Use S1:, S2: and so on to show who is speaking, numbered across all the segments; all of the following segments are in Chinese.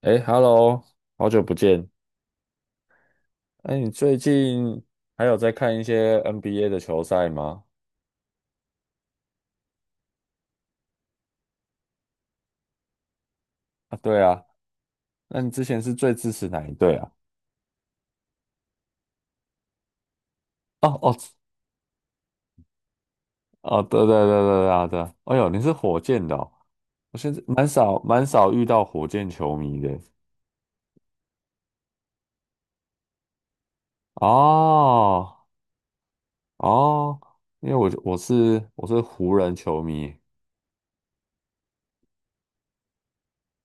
S1: 哎，Hello，好久不见。哎，你最近还有在看一些 NBA 的球赛吗？啊，对啊，那你之前是最支持哪一队啊？哦哦哦，对对对对对啊对啊。哎呦，你是火箭的哦。我现在蛮少蛮少遇到火箭球迷的。哦哦，因为我是湖人球迷，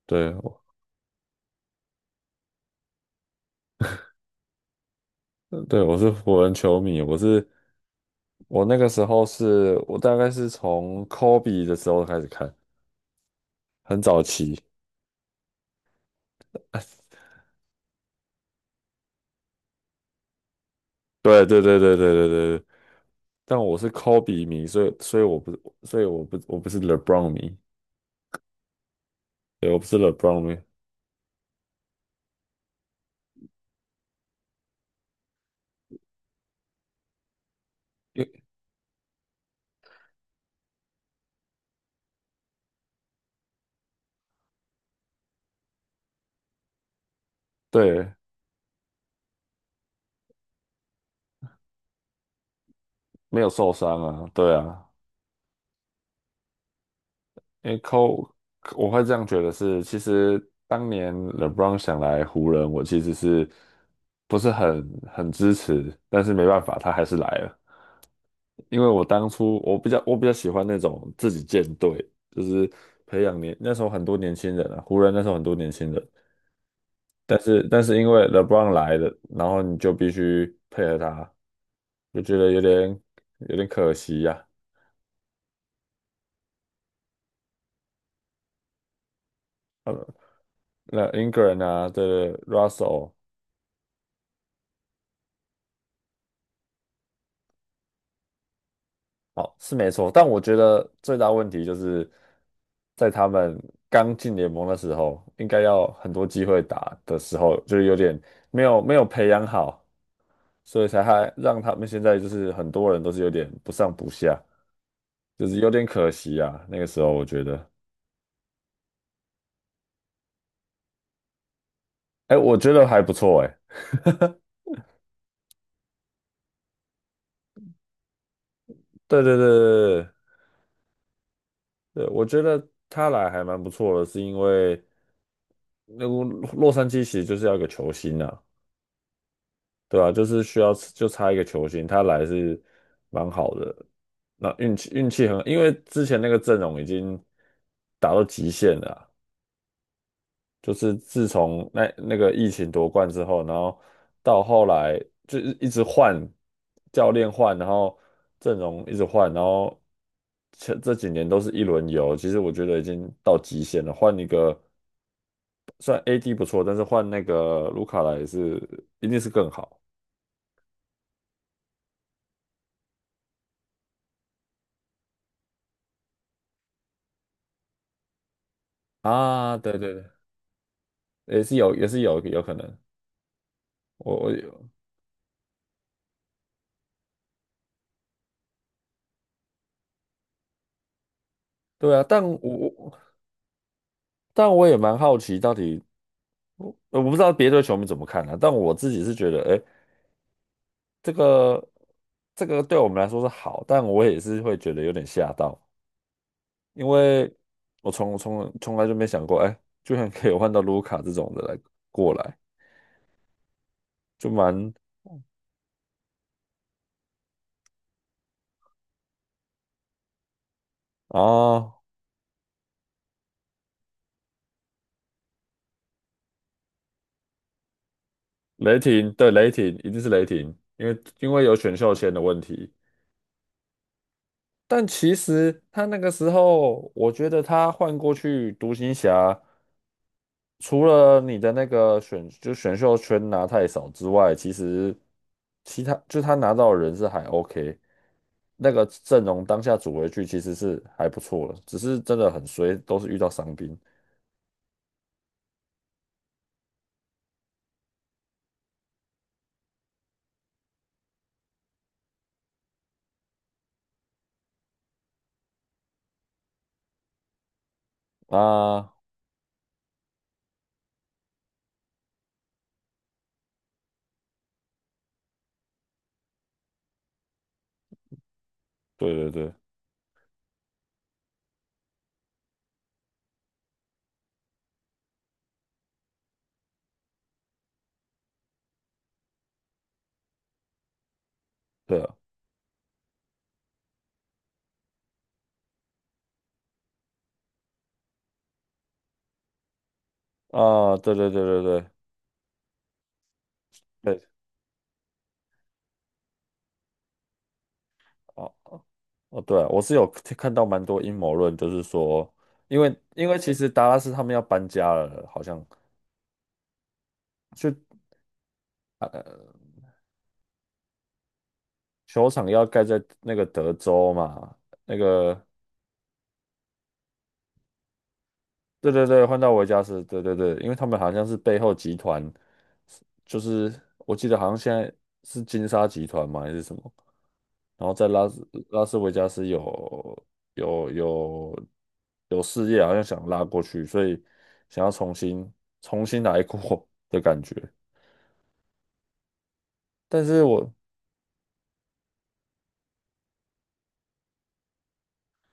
S1: 对，我是湖人球迷，我大概是从科比的时候开始看。很早期。对对对对对对对对，但我是 Kobe 迷，所以我不是 LeBron 迷，对，我不是 LeBron 迷，因为对，没有受伤啊，对啊，因为 Kobe 我会这样觉得是，其实当年 LeBron 想来湖人，我其实是不是很支持，但是没办法，他还是来了，因为我当初我比较喜欢那种自己建队，就是培养年那时候很多年轻人啊，湖人那时候很多年轻人。但是因为 LeBron 来了，然后你就必须配合他，就觉得有点可惜呀、啊呃那 Ingram 啊，对对，Russell,好是没错，但我觉得最大问题就是在他们刚进联盟的时候，应该要很多机会打的时候，就是有点没有培养好，所以才还让他们现在就是很多人都是有点不上不下，就是有点可惜啊。那个时候我觉得，哎，我觉得还不错，哎。对对对对对，对，我觉得他来还蛮不错的，是因为那个洛杉矶其实就是要一个球星啊，对吧、就是需要就差一个球星，他来是蛮好的。那运气很，因为之前那个阵容已经打到极限了啊，就是自从那个疫情夺冠之后，然后到后来就一直换教练换，然后阵容一直换，然后这几年都是一轮游，其实我觉得已经到极限了。换一个，虽然 AD 不错，但是换那个卢卡莱也是一定是更好啊，对对对，也是有，也是有，有可能。我我有。对啊，我但我也蛮好奇，到底我不知道别的球迷怎么看啊，但我自己是觉得，哎。这个这个对我们来说是好，但我也是会觉得有点吓到，因为我从来就没想过，哎，居然可以换到卢卡这种的来过来，就蛮哦，雷霆，对雷霆一定是雷霆，因为有选秀签的问题，但其实他那个时候，我觉得他换过去独行侠。除了你的那个选秀圈拿太少之外，其实其他就他拿到的人是还 OK,那个阵容当下组回去其实是还不错了，只是真的很衰，都是遇到伤兵啊。对对对对啊，啊对对对对对对，哦哦，对啊，我是有看到蛮多阴谋论，就是说，因为其实达拉斯他们要搬家了，好像就球场要盖在那个德州嘛。那个对对对，换到维加斯，对对对，因为他们好像是背后集团，就是我记得好像现在是金沙集团嘛还是什么，然后在拉斯维加斯有有有事业，好像想拉过去，所以想要重新重新来过的感觉。但是我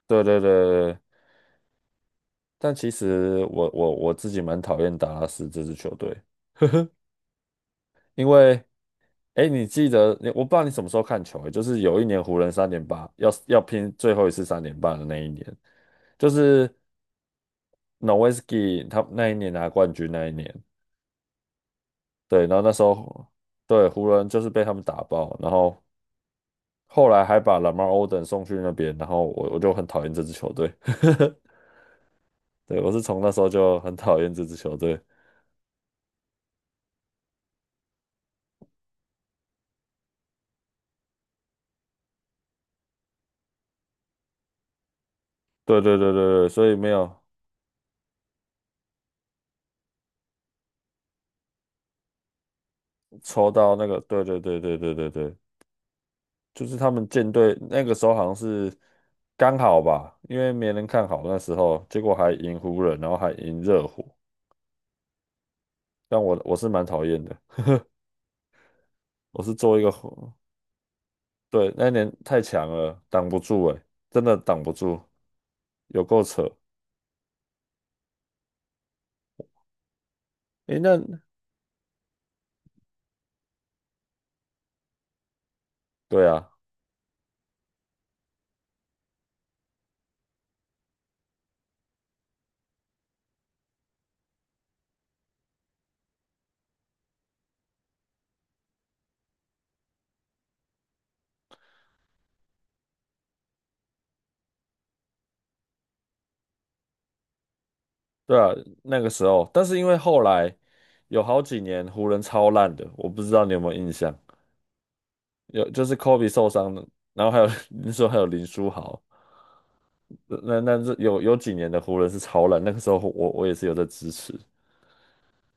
S1: 对对对对，但其实我自己蛮讨厌达拉斯这支球队，因为。哎，你记得，你，我不知道你什么时候看球，哎，就是有一年湖人三连霸，要要拼最后一次三连霸的那一年，就是 Nowitzki 他那一年拿冠军那一年，对，然后那时候对湖人就是被他们打爆，然后后来还把 Lamar Odom 送去那边，然后我就很讨厌这支球队，对，我是从那时候就很讨厌这支球队，对对对对对，所以没有抽到那个，对对对对对对对。就是他们舰队那个时候好像是刚好吧，因为没人看好那时候，结果还赢湖人，然后还赢热火，但我是蛮讨厌的，我是做一个火，对，那一年太强了，挡不住诶、真的挡不住，有够扯。诶、那对啊，对啊，那个时候，但是因为后来有好几年湖人超烂的，我不知道你有没有印象，有，就是 Kobe 受伤了，然后还有 你说还有林书豪。那这有几年的湖人是超烂，那个时候我也是有在支持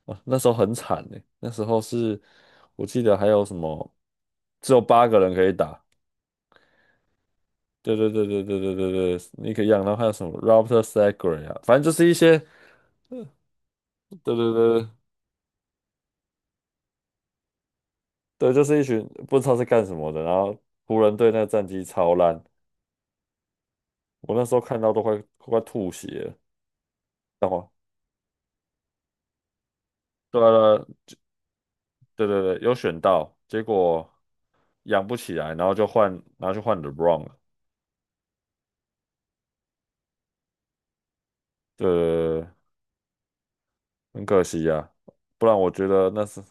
S1: 啊，那时候很惨呢、那时候是我记得还有什么，只有八个人可以打，对对对对对对对对，可以杨，然后还有什么 Robert Sacre 啊，反正就是一些，对对对对，就是一群不知道是干什么的，然后湖人队那个战绩超烂，我那时候看到都快吐血了，然后对啊对啊对对，有选到，结果养不起来，然后就换，然后就换 LeBron w 了。对，很可惜呀、不然我觉得那是，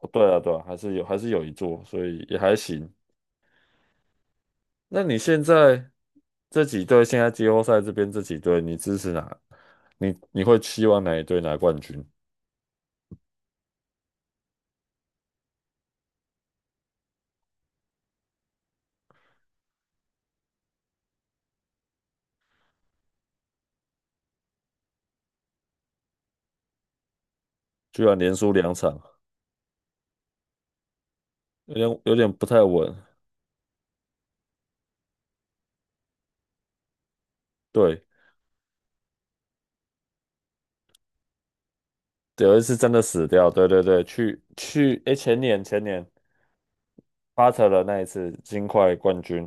S1: 哦对啊，对啊，还是有，还是有一座，所以也还行。那你现在这几队，现在季后赛这边这几队，你支持哪？你你会期望哪一队拿冠军？居然连输两场，有点不太稳。对，有一次真的死掉，对对对，去去，哎，前年巴特勒那一次金块冠军，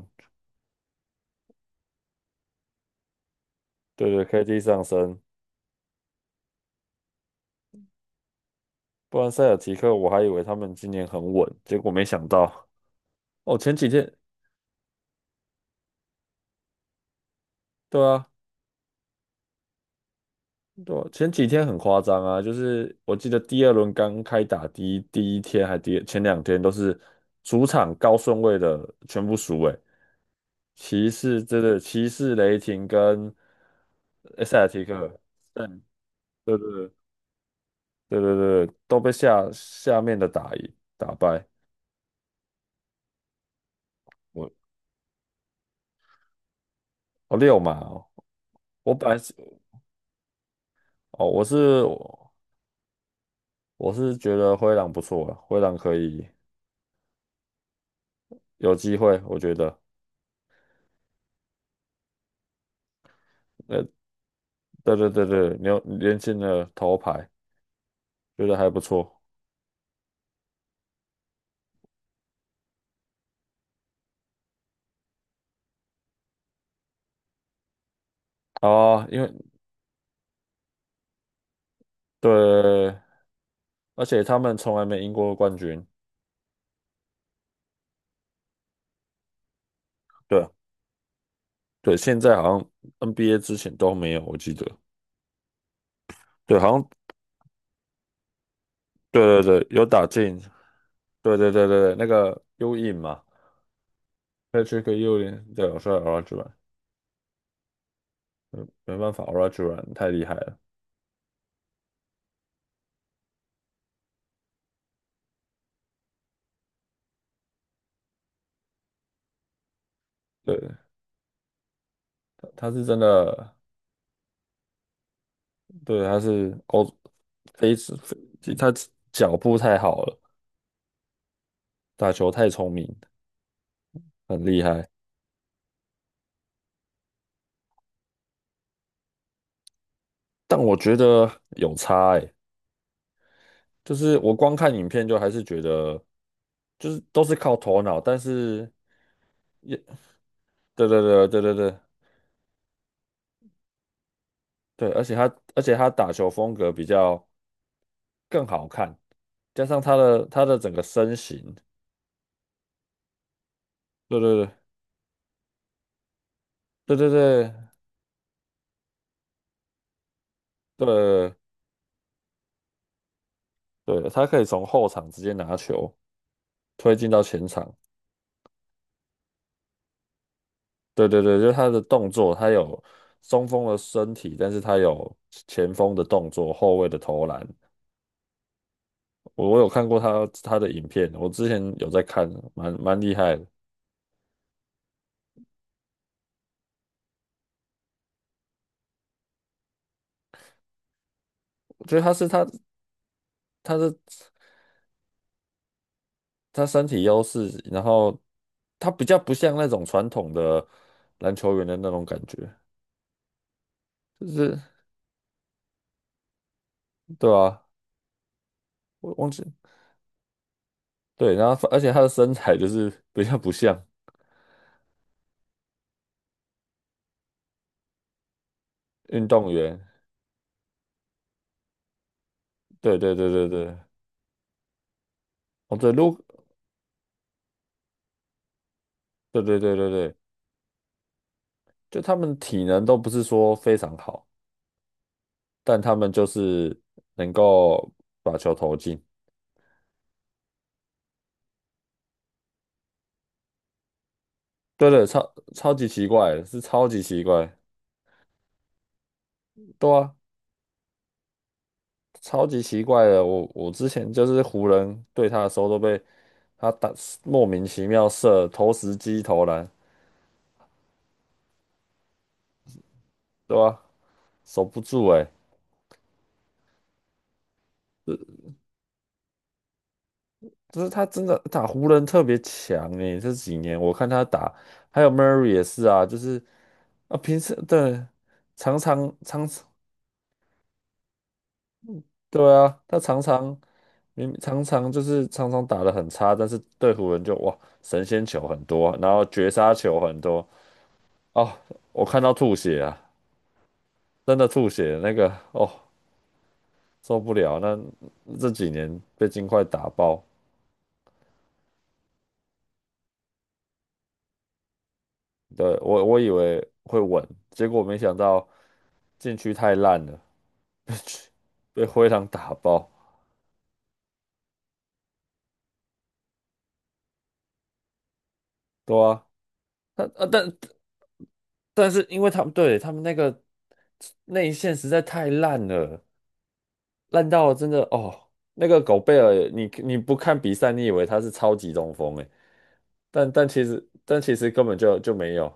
S1: 对对，KD 上升，不然塞尔提克我还以为他们今年很稳，结果没想到。哦，前几天，对啊，对啊，前几天很夸张啊，就是我记得第二轮刚开打第一天还前两天都是主场高顺位的全部输诶，骑士、雷霆跟塞尔提克，嗯，对对对对对对，都被下面的打赢打败，我，哦，六嘛，哦，我本来是，哦，我是觉得灰狼不错啊，灰狼可以有机会，我觉得。呃对对对对，牛年轻的头牌，觉得还不错啊。因为对，而且他们从来没赢过冠军。对对，现在好像 NBA 之前都没有，我记得。对，好像对对对，有打进。对对对对对，那个 U in 嘛，Patrick U in,对，我说 Olajuwon,没办法，Olajuwon 太厉害了。对，他是真的，对，他是欧飞非他脚步太好了，打球太聪明，很厉害。但我觉得有差欸，就是我光看影片就还是觉得，就是都是靠头脑，但是也对对对对对对对，而且他打球风格比较更好看，加上他的整个身形，对对对对对对对对，他可以从后场直接拿球推进到前场，对对对，就是他的动作，他有中锋的身体，但是他有前锋的动作，后卫的投篮。我有看过他的影片，我之前有在看，蛮蛮厉害的。我觉得他他是身体优势，然后他比较不像那种传统的篮球员的那种感觉，就是对啊，我忘记对，然后而且他的身材就是 比较不像运动员，对对对对对，哦对，如对对对对对，就他们体能都不是说非常好，但他们就是能够把球投进。对对，超级奇怪的是超级奇怪，对啊，超级奇怪的。我之前就是湖人对他的时候，都被他打莫名其妙射投石机投篮，对吧、守不住哎、就是他真的打湖人特别强哎、这几年我看他打，还有 Murray 也是啊，就是啊，平时对，常对啊，他常常打得很差，但是对湖人就哇神仙球很多，然后绝杀球很多哦，我看到吐血啊，真的吐血，那个哦受不了，那这几年被金快打爆，对，我以为会稳，结果没想到禁区太烂了，被灰狼打爆，对啊，但但是因为他们那个内线实在太烂了。烂到真的哦，那个狗贝尔，你，你不看比赛，你以为他是超级中锋诶，但其实根本就没有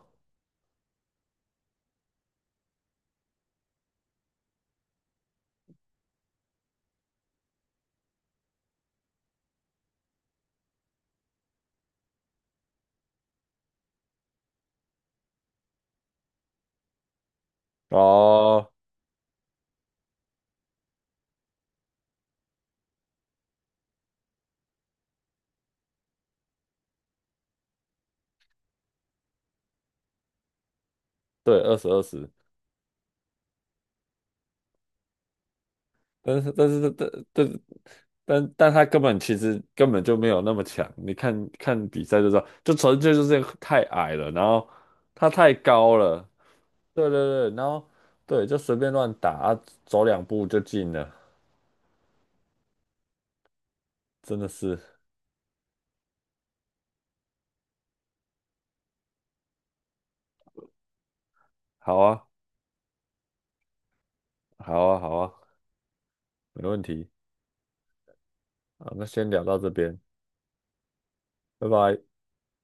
S1: 哦，对，20-20，但是但是但但但但他根本根本就没有那么强，你看看比赛就知道，就纯粹就是太矮了，然后他太高了，对对对，然后对就随便乱打啊，走两步就进了，真的是好啊好啊好啊，没问题啊，好那先聊到这边。拜拜。